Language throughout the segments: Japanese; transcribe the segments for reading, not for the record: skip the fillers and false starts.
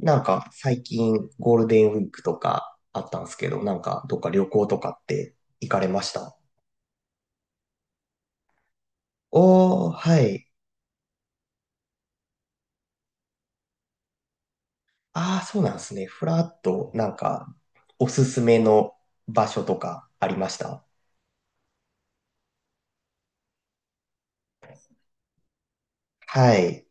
なんか最近ゴールデンウィークとかあったんですけど、なんかどっか旅行とかって行かれました？おー、はい。ああ、そうなんですね。フラッとなんかおすすめの場所とかありました？はい。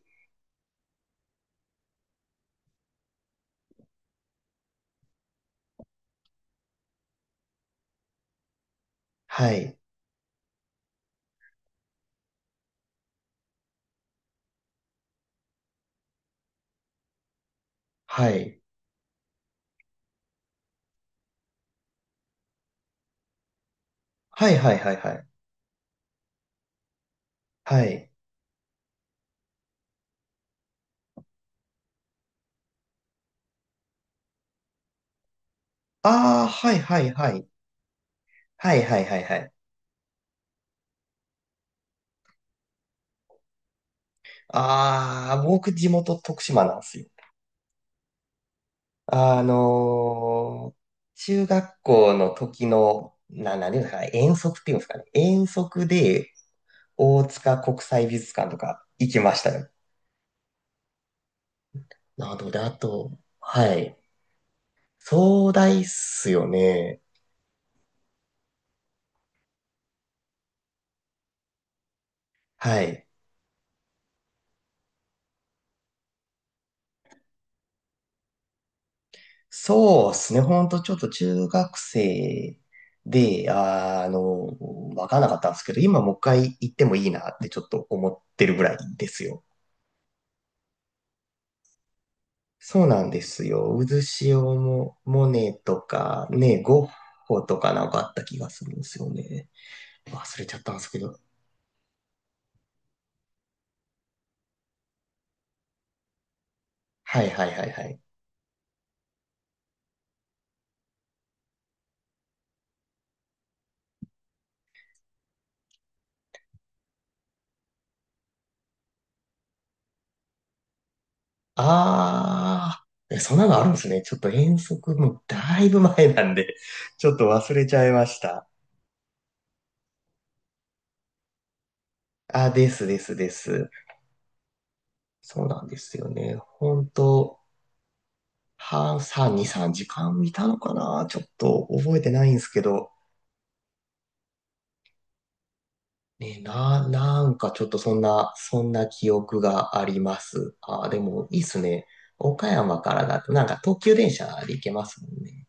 はい。はい。はいはいはいはい。はい。ああ、はいはいはい。はいはいはいはい。ああ、僕地元徳島なんですよ。あのー中学校の時の、なんていうんですかね、遠足っていうんですかね、遠足で大塚国際美術館とか行きましたよ。なので、あと、はい。壮大っすよね。はい。そうですね。ほんとちょっと中学生で、わからなかったんですけど、今もう一回行ってもいいなってちょっと思ってるぐらいですよ。そうなんですよ。渦潮も、モネとか、ね、ゴッホとかなんかあった気がするんですよね。忘れちゃったんですけど。はいはいはいはい。あー、えそんなのあるんですね。ちょっと遠足もだいぶ前なんで、ちょっと忘れちゃいました。あ、ですですです。そうなんですよね。本当3、2、3時間見たのかなちょっと覚えてないんですけど、ね、なんかちょっとそんな記憶があります。あー、でもいいっすね。岡山からだとなんか東急電車で行けますもんね。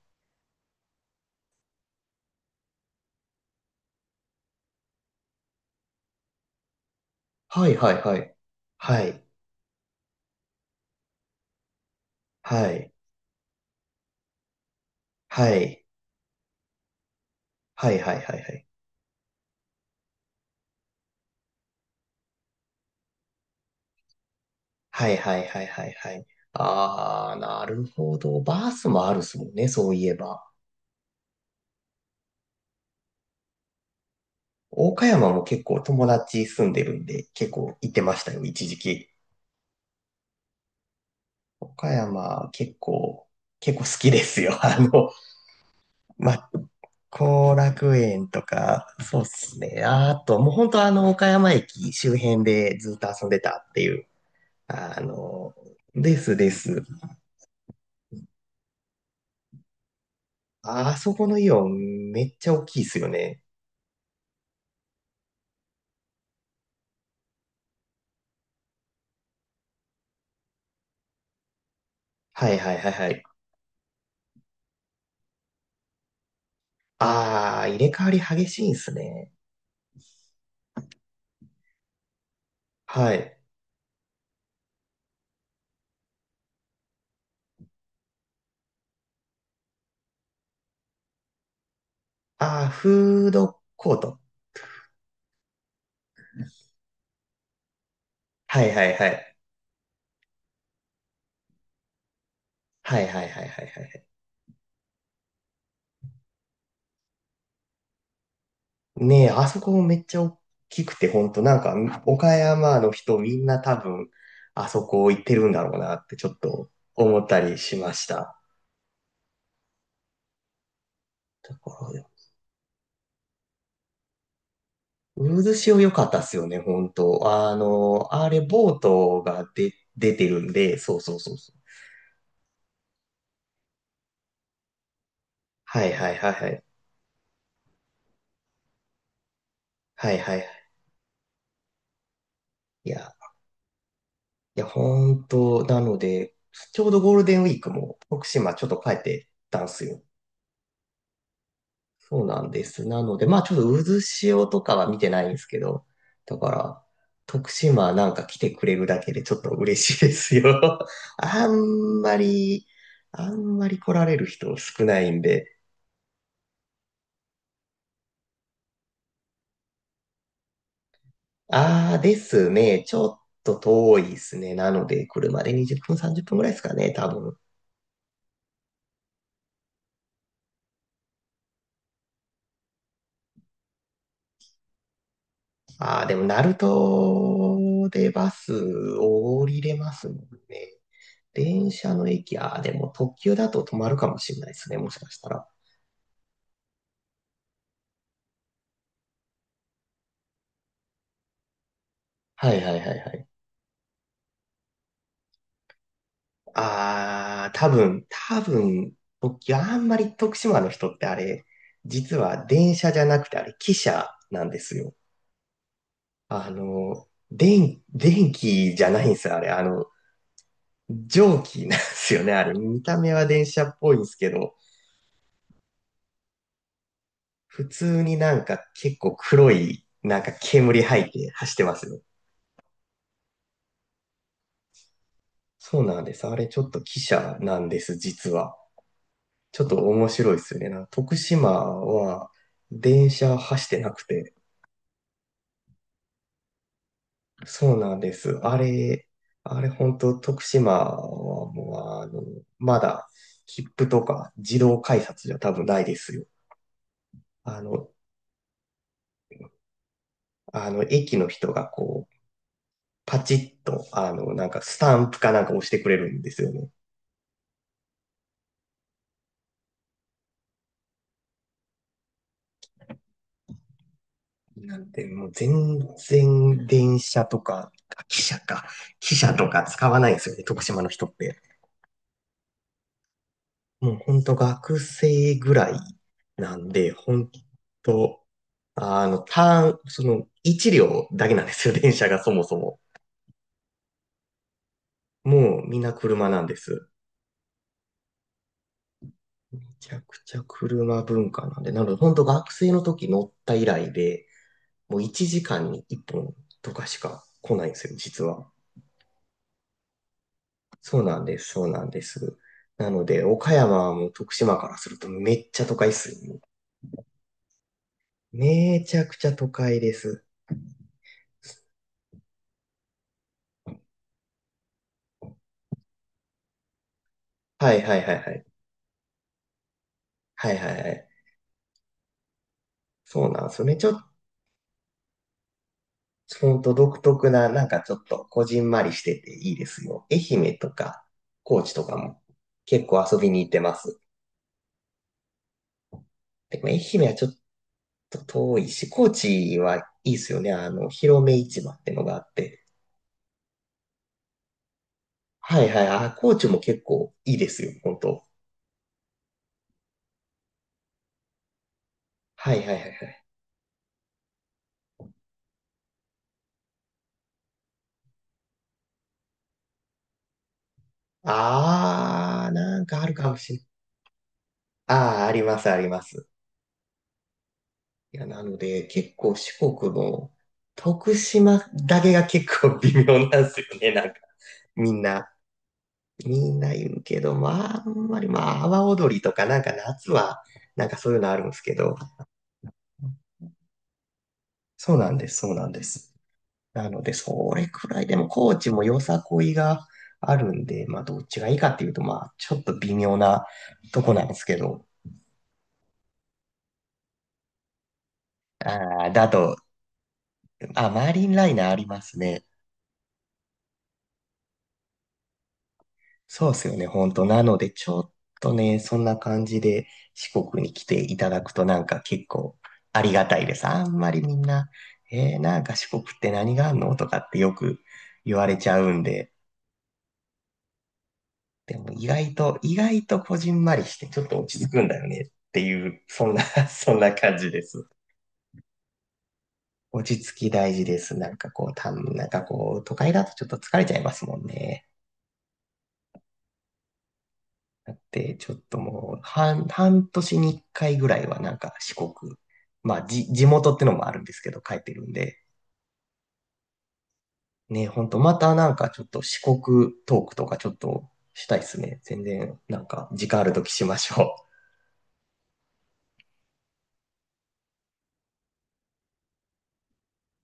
はいはいはい。はい。はい。はい。はいはいはいはい。はいはいはいはいはい。あー、なるほど。バースもあるっすもんね、そういえば。岡山も結構友達住んでるんで、結構行ってましたよ、一時期。岡山結構好きですよ。ま後楽園とか、そうっすね。ああと、もう本当岡山駅周辺でずっと遊んでたっていう。あの、ですです。あそこのイオンめっちゃ大きいっすよね。はいはいはいはい。ああ、入れ替わり激しいんすね。はい。ああ、フードコート。はいはいはい。はいはいはいはいはい。ねえ、あそこもめっちゃ大きくて、ほんとなんか、岡山の人みんな多分、あそこ行ってるんだろうなってちょっと思ったりしました。だから、渦潮良かったっすよね、ほんと。あれ、ボートが出てるんで、そうそうそうそう。はいはいはいはい。はいはい。いや、いや、ほんと、なので、ちょうどゴールデンウィークも徳島ちょっと帰ってたんすよ。そうなんです。なので、まあちょっと渦潮とかは見てないんですけど、だから、徳島なんか来てくれるだけでちょっと嬉しいですよ。あんまり、あんまり来られる人少ないんで。ああですね。ちょっと遠いですね。なので、車で20分、30分ぐらいですかね、多分。ああ、でも、鳴門でバス降りれますもんね。電車の駅、ああ、でも特急だと止まるかもしれないですね、もしかしたら。はいはいはいはい。ああ、多分、僕、あんまり徳島の人ってあれ、実は電車じゃなくてあれ、汽車なんですよ。あの、電気じゃないんですよ、あれ。あの、蒸気なんですよね、あれ。見た目は電車っぽいんですけど、普通になんか結構黒い、なんか煙吐いて走ってますよ。そうなんです。あれ、ちょっと汽車なんです、実は。ちょっと面白いっすね。なんか徳島は電車走ってなくて。そうなんです。あれ本当徳島はもうあの、まだ切符とか自動改札じゃ多分ないですよ。あの、駅の人がこう、パチッと、なんかスタンプかなんか押してくれるんですよね。なんで、もう全然電車とか、あ汽車か、汽車とか使わないんですよね、徳島の人って。もうほんと学生ぐらいなんで、ほんと、あの、ターン、その、一両だけなんですよ、電車がそもそも。もうみんな車なんです。めちゃくちゃ車文化なんで、なのでほんと学生の時乗った以来で、もう1時間に1本とかしか来ないんですよ、実は。そうなんです、そうなんです。なので、岡山はもう徳島からするとめっちゃ都会っすよ。めちゃくちゃ都会です。はいはいはいはい。はいはいはい。そうなんですよね。ちょっと、ほんと独特な、なんかちょっと、こじんまりしてていいですよ。愛媛とか、高知とかも結構遊びに行ってます。でも愛媛はちょっと遠いし、高知はいいですよね。あの、広め市場ってのがあって。はいはい。あ、高知も結構いいですよ。本当。はいはいはいはい。あー、なんかあるかもしれない。あー、ありますあります。いや、なので、結構四国の徳島だけが結構微妙なんですよね、なんか。みんな、みんな言うけど、まあ、あんまり、まあ、阿波踊りとか、なんか夏は、なんかそういうのあるんですけど。そうなんです、そうなんです。なので、それくらいでも、高知もよさこいがあるんで、まあ、どっちがいいかっていうと、まあ、ちょっと微妙なとこなんですけど。ああ、だと、あ、マリンライナーありますね。そうですよね、本当。なので、ちょっとね、そんな感じで四国に来ていただくとなんか結構ありがたいです。あんまりみんな、なんか四国って何があんのとかってよく言われちゃうんで、でも意外とこじんまりしてちょっと落ち着くんだよねっていう、そんな そんな感じです。落ち着き大事です。なんかこう、都会だとちょっと疲れちゃいますもんね。だって、ちょっともう、半年に一回ぐらいはなんか四国、まあ、地元ってのもあるんですけど、帰ってるんで、ね、ほんと、またなんかちょっと四国トークとかちょっとしたいっすね。全然、なんか、時間あるときしましょう。